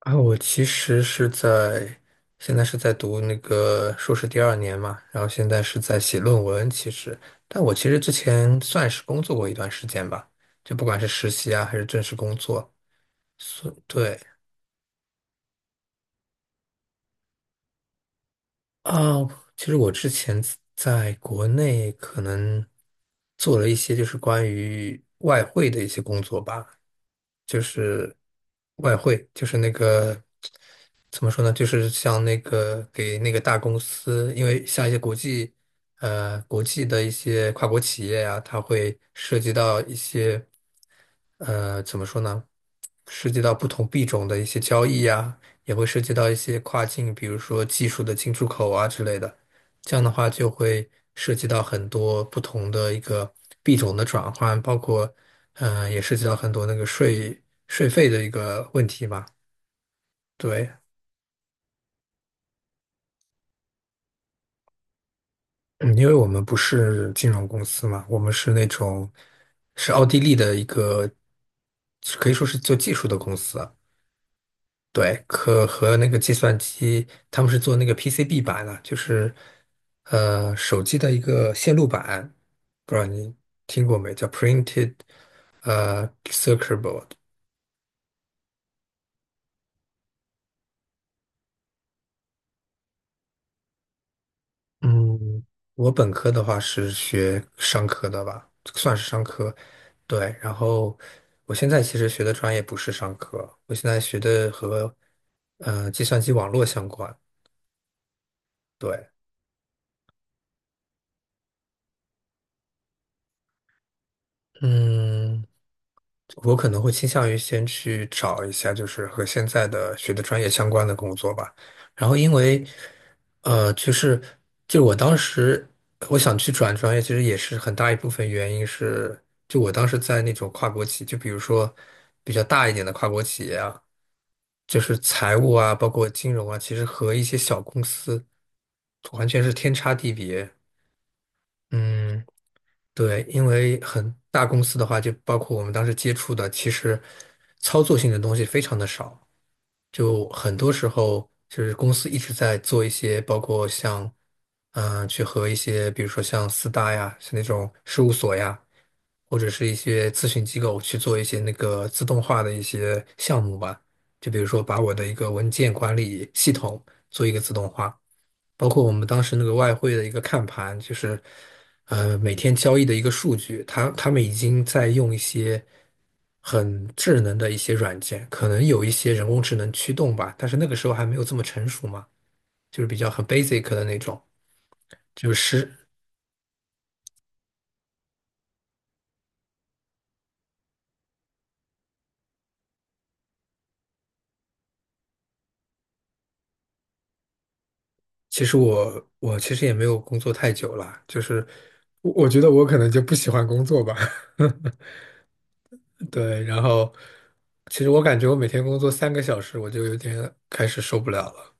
啊，我其实是在现在是在读那个硕士第二年嘛，然后现在是在写论文。但我其实之前算是工作过一段时间吧，就不管是实习啊，还是正式工作，对啊，其实我之前在国内可能做了一些就是关于外汇的一些工作吧，就是外汇，就是那个怎么说呢？就是像那个给那个大公司，因为像一些国际国际的一些跨国企业呀、它会涉及到一些怎么说呢？涉及到不同币种的一些交易呀、也会涉及到一些跨境，比如说技术的进出口啊之类的。这样的话就会涉及到很多不同的一个币种的转换，包括。也涉及到很多那个税费的一个问题嘛。对，嗯因为我们不是金融公司嘛，我们是那种是奥地利的一个，可以说是做技术的公司。对，和那个计算机，他们是做那个 PCB 板的，就是手机的一个线路板，不知道你听过没？叫 printed circuit board。嗯，我本科的话是学商科的吧，算是商科。对，然后我现在其实学的专业不是商科，我现在学的和计算机网络相关。对，嗯。我可能会倾向于先去找一下，就是和现在的学的专业相关的工作吧。然后因为，就是就我当时我想去转专业，其实也是很大一部分原因是，就我当时在那种跨国企，就比如说比较大一点的跨国企业啊，就是财务啊，包括金融啊，其实和一些小公司完全是天差地别。嗯。对，因为很大公司的话，就包括我们当时接触的，其实操作性的东西非常的少，就很多时候就是公司一直在做一些，包括像去和一些，比如说像四大呀，是那种事务所呀，或者是一些咨询机构去做一些那个自动化的一些项目吧，就比如说把我的一个文件管理系统做一个自动化。包括我们当时那个外汇的一个看盘，就是每天交易的一个数据，他们已经在用一些很智能的一些软件，可能有一些人工智能驱动吧，但是那个时候还没有这么成熟嘛，就是比较很 basic 的那种。就是其实我其实也没有工作太久了，就是我觉得我可能就不喜欢工作吧。对，然后其实我感觉我每天工作3个小时，我就有点开始受不了了。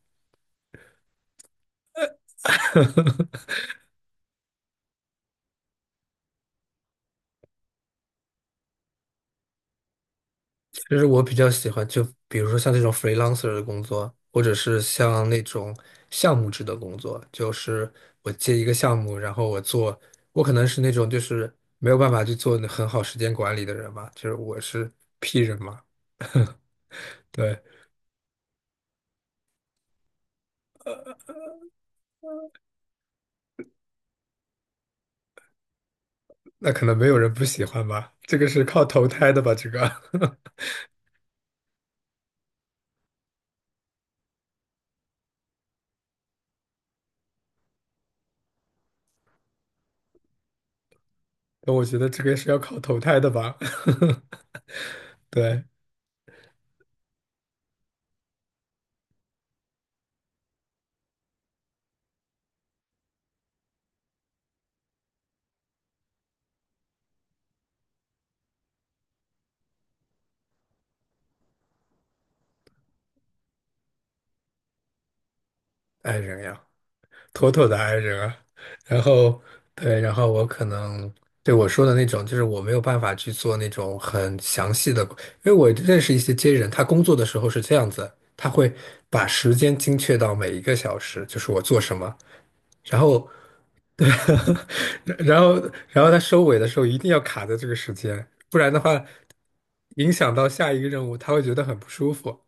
就是我比较喜欢，就比如说像这种 freelancer 的工作，或者是像那种项目制的工作，就是我接一个项目，然后我做，我可能是那种就是没有办法去做很好时间管理的人嘛，就是我是 P 人嘛，对，那可能没有人不喜欢吧，这个是靠投胎的吧，这个，那我觉得这个是要靠投胎的吧，对，爱人呀。妥妥的 i 人啊。然后对，然后我可能对我说的那种，就是我没有办法去做那种很详细的，因为我认识一些 J 人，他工作的时候是这样子，他会把时间精确到每一个小时，就是我做什么，然后。对，然后然后他收尾的时候一定要卡在这个时间，不然的话，影响到下一个任务，他会觉得很不舒服。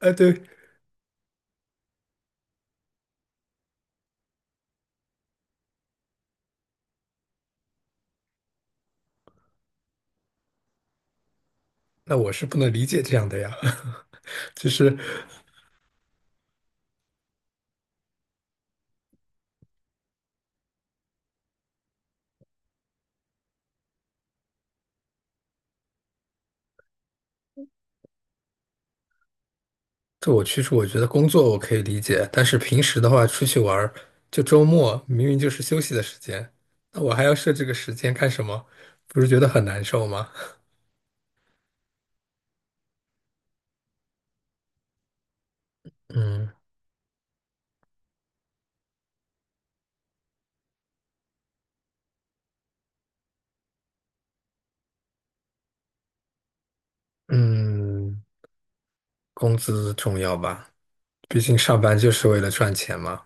对，那我是不能理解这样的呀，就是。这我其实我觉得工作我可以理解，但是平时的话出去玩儿，就周末明明就是休息的时间，那我还要设这个时间干什么？不是觉得很难受吗？嗯嗯，工资重要吧，毕竟上班就是为了赚钱嘛。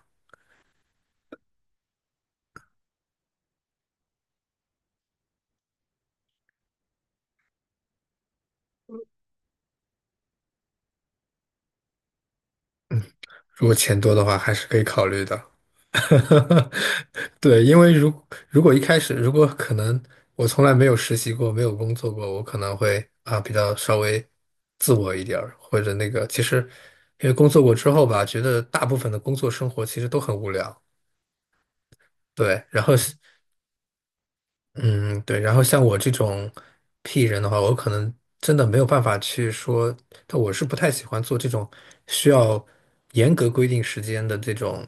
如果钱多的话，还是可以考虑的。对，因为如果一开始，如果可能，我从来没有实习过，没有工作过，我可能会啊比较稍微自我一点儿，或者那个，其实因为工作过之后吧，觉得大部分的工作生活其实都很无聊。对，然后嗯，对。然后像我这种 P 人的话，我可能真的没有办法去说，但我是不太喜欢做这种需要严格规定时间的这种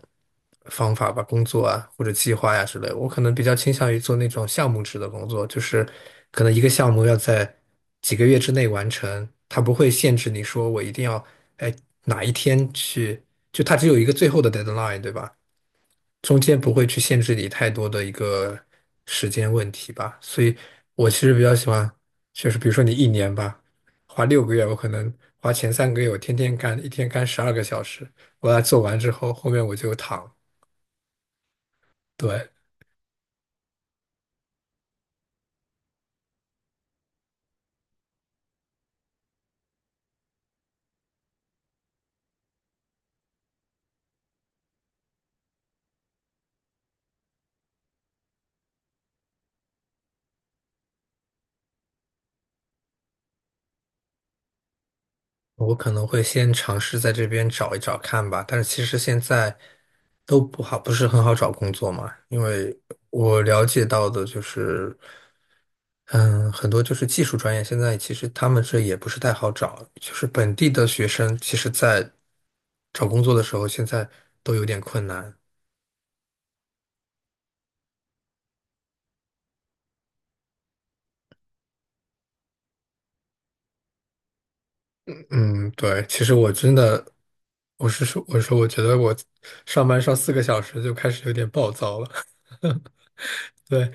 方法吧，工作啊或者计划呀、之类的我可能比较倾向于做那种项目制的工作，就是可能一个项目要在几个月之内完成，它不会限制你说我一定要哎哪一天去，就它只有一个最后的 deadline，对吧？中间不会去限制你太多的一个时间问题吧，所以我其实比较喜欢，就是比如说你一年吧，花6个月，我可能花前3个月我天天干，一天干12个小时，我把它做完之后，后面我就躺。对，我可能会先尝试在这边找一找看吧，但是其实现在都不好，不是很好找工作嘛，因为我了解到的就是，嗯，很多就是技术专业，现在其实他们这也不是太好找，就是本地的学生，其实在找工作的时候，现在都有点困难。嗯，对，其实我真的，我说我觉得我上班上4个小时就开始有点暴躁了，对。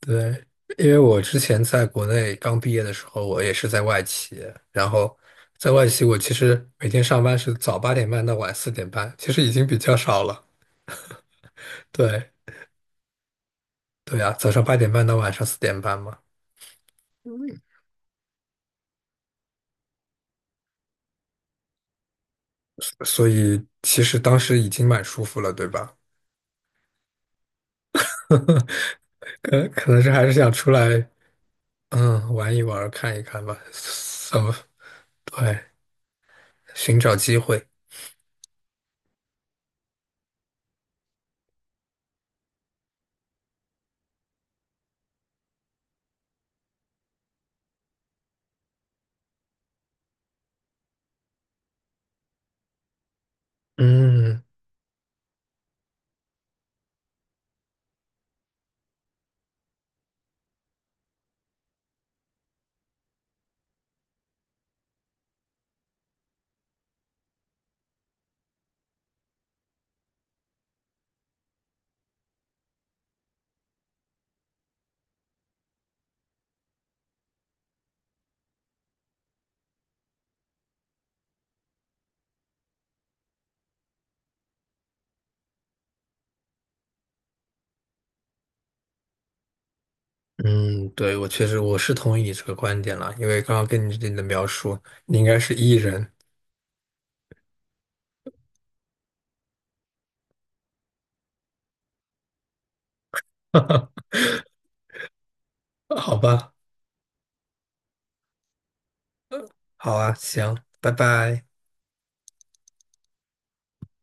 对，因为我之前在国内刚毕业的时候，我也是在外企，然后在外企我其实每天上班是早八点半到晚四点半，其实已经比较少了。对，对啊，早上八点半到晚上四点半嘛，所以其实当时已经蛮舒服了，对吧？可能是还是想出来，嗯，玩一玩，看一看吧，so, 对，寻找机会，嗯。嗯，对，我确实我是同意你这个观点了，因为刚刚跟你的描述，你应该是 E 人，好吧，好啊，行，拜拜。